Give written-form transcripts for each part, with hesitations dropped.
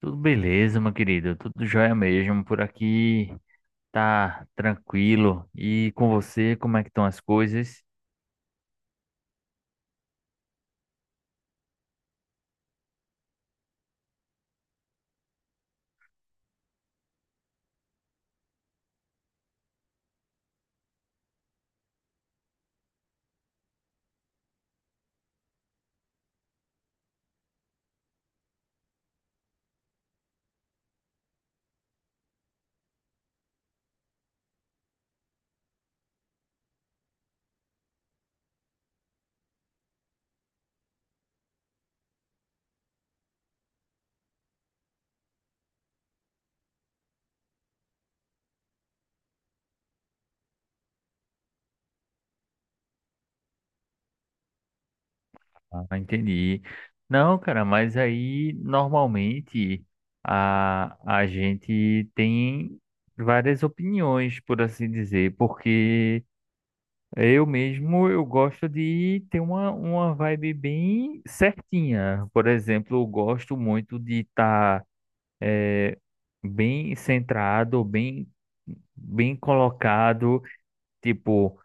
Tudo beleza, meu querido. Tudo jóia mesmo. Por aqui tá tranquilo. E com você, como é que estão as coisas? Ah, entendi. Não, cara, mas aí normalmente a gente tem várias opiniões, por assim dizer, porque eu mesmo eu gosto de ter uma vibe bem certinha. Por exemplo, eu gosto muito de estar bem centrado, bem colocado, tipo,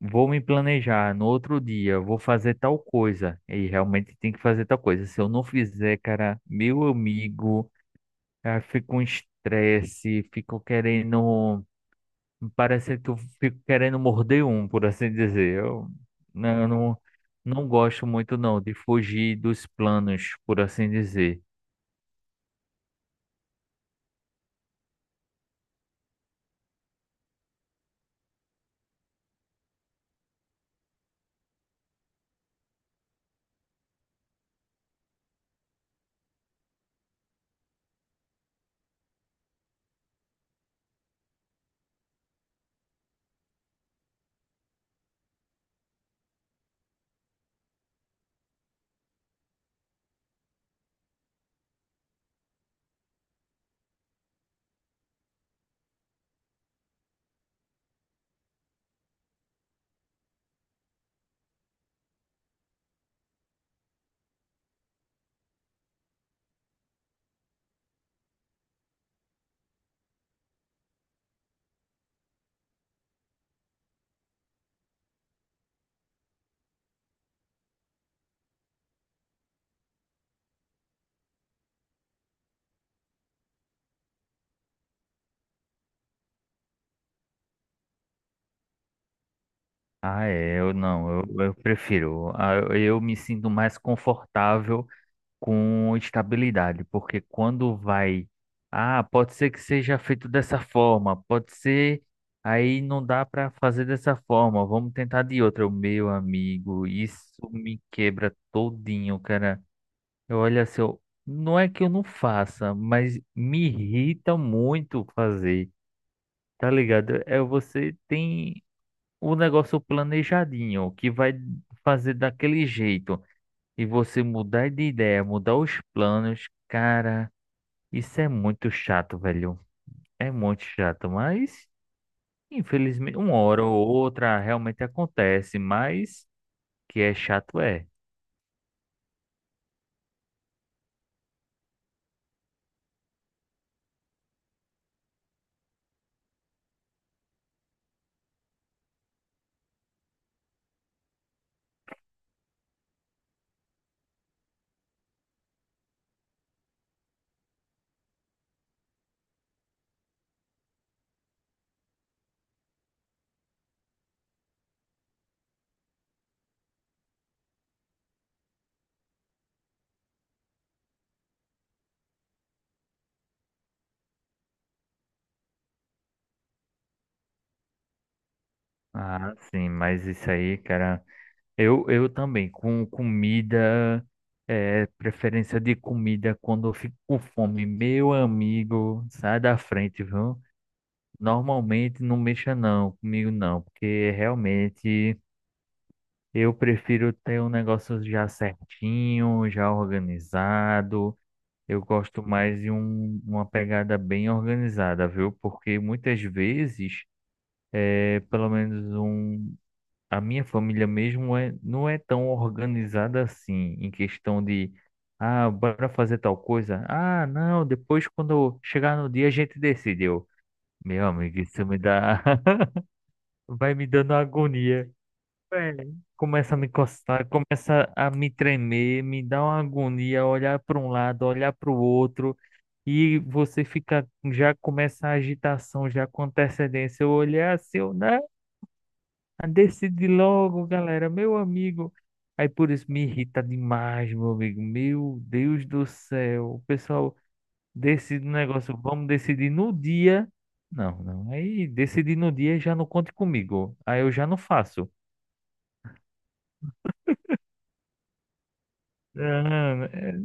vou me planejar no outro dia, vou fazer tal coisa, e realmente tem que fazer tal coisa. Se eu não fizer, cara, meu amigo, fico um estresse, fico querendo, parece que eu fico querendo morder um, por assim dizer. Eu não gosto muito não de fugir dos planos, por assim dizer. Ah, é, eu não, eu prefiro. Eu eu me sinto mais confortável com estabilidade, porque quando vai, ah, pode ser que seja feito dessa forma, pode ser, aí não dá para fazer dessa forma, vamos tentar de outra. Eu, meu amigo, isso me quebra todinho, cara. Eu olho assim, eu, não é que eu não faça, mas me irrita muito fazer, tá ligado? É, você tem o negócio planejadinho, que vai fazer daquele jeito, e você mudar de ideia, mudar os planos, cara, isso é muito chato, velho. É muito chato, mas infelizmente, uma hora ou outra realmente acontece, mas que é chato é. Ah, sim, mas isso aí, cara. Eu também, com comida, é, preferência de comida quando eu fico com fome, meu amigo, sai da frente, viu? Normalmente não mexa não, comigo não, porque realmente eu prefiro ter um negócio já certinho, já organizado. Eu gosto mais de um, uma pegada bem organizada, viu? Porque muitas vezes, é, pelo menos um, a minha família mesmo é, não é tão organizada assim, em questão de, ah, bora fazer tal coisa. Ah, não, depois quando chegar no dia a gente decidiu. Meu amigo, isso me dá. Vai me dando agonia. Velho, começa a me coçar, começa a me tremer, me dá uma agonia, olhar para um lado, olhar para o outro, e você fica, já começa a agitação, já com antecedência. Eu olhar assim, eu, né? Decide logo, galera, meu amigo. Aí por isso me irrita demais, meu amigo. Meu Deus do céu. O pessoal decide um negócio, vamos decidir no dia. Não, não. Aí decidir no dia já não conte comigo. Aí eu já não faço. Não, é-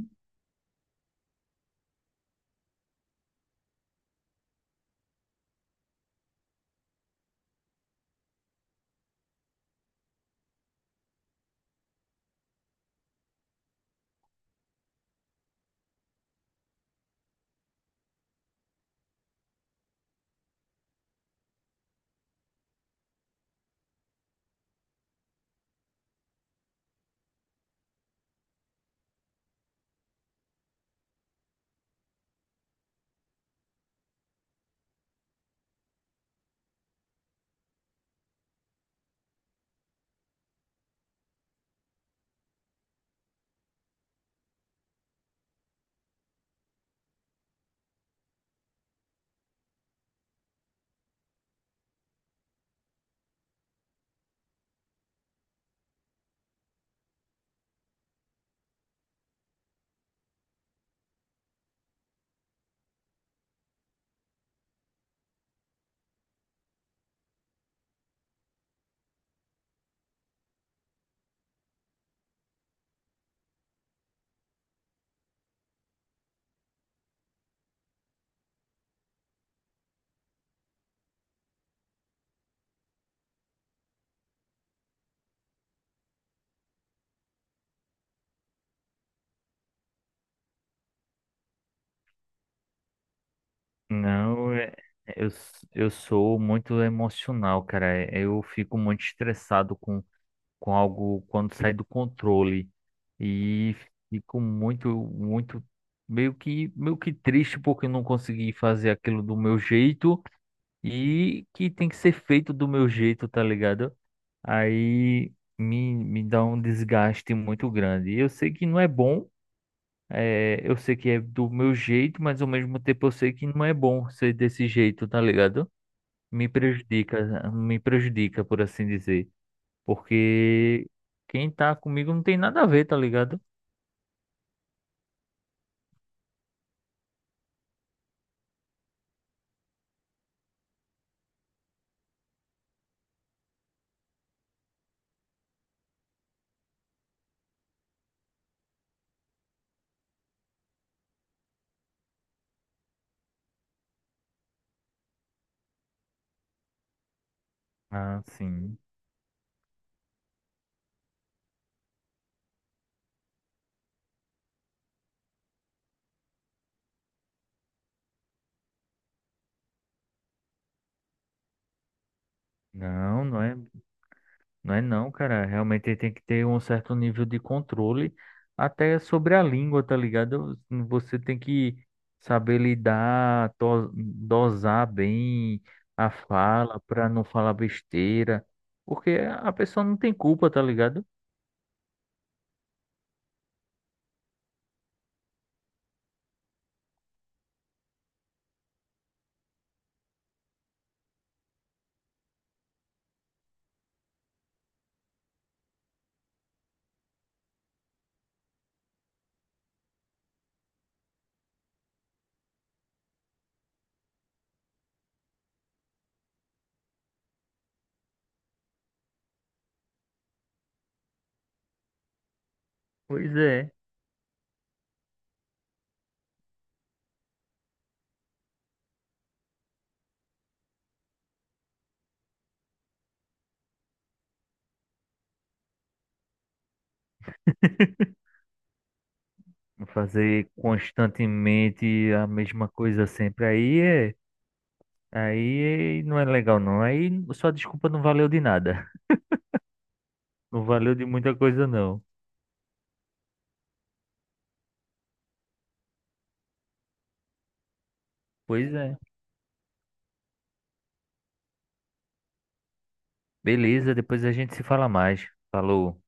não, é- eu, s- Eu sou muito emocional, cara. É, eu fico muito estressado com algo quando sai do controle. E fico muito, meio que triste porque eu não consegui fazer aquilo do meu jeito e que tem que ser feito do meu jeito, tá ligado? Aí me dá um desgaste muito grande. Eu sei que não é bom. É, eu sei que é do meu jeito, mas ao mesmo tempo eu sei que não é bom ser desse jeito, tá ligado? Me prejudica, me prejudica, por assim dizer. Porque quem tá comigo não tem nada a ver, tá ligado? Ah, sim. Não, não é. Não é não, cara. Realmente ele tem que ter um certo nível de controle até sobre a língua, tá ligado? Você tem que saber lidar, dosar bem a fala pra não falar besteira, porque a pessoa não tem culpa, tá ligado? Pois é. Fazer constantemente a mesma coisa sempre aí é, aí não é legal não. Aí sua desculpa não valeu de nada. Não valeu de muita coisa não. Pois é. Beleza, depois a gente se fala mais. Falou.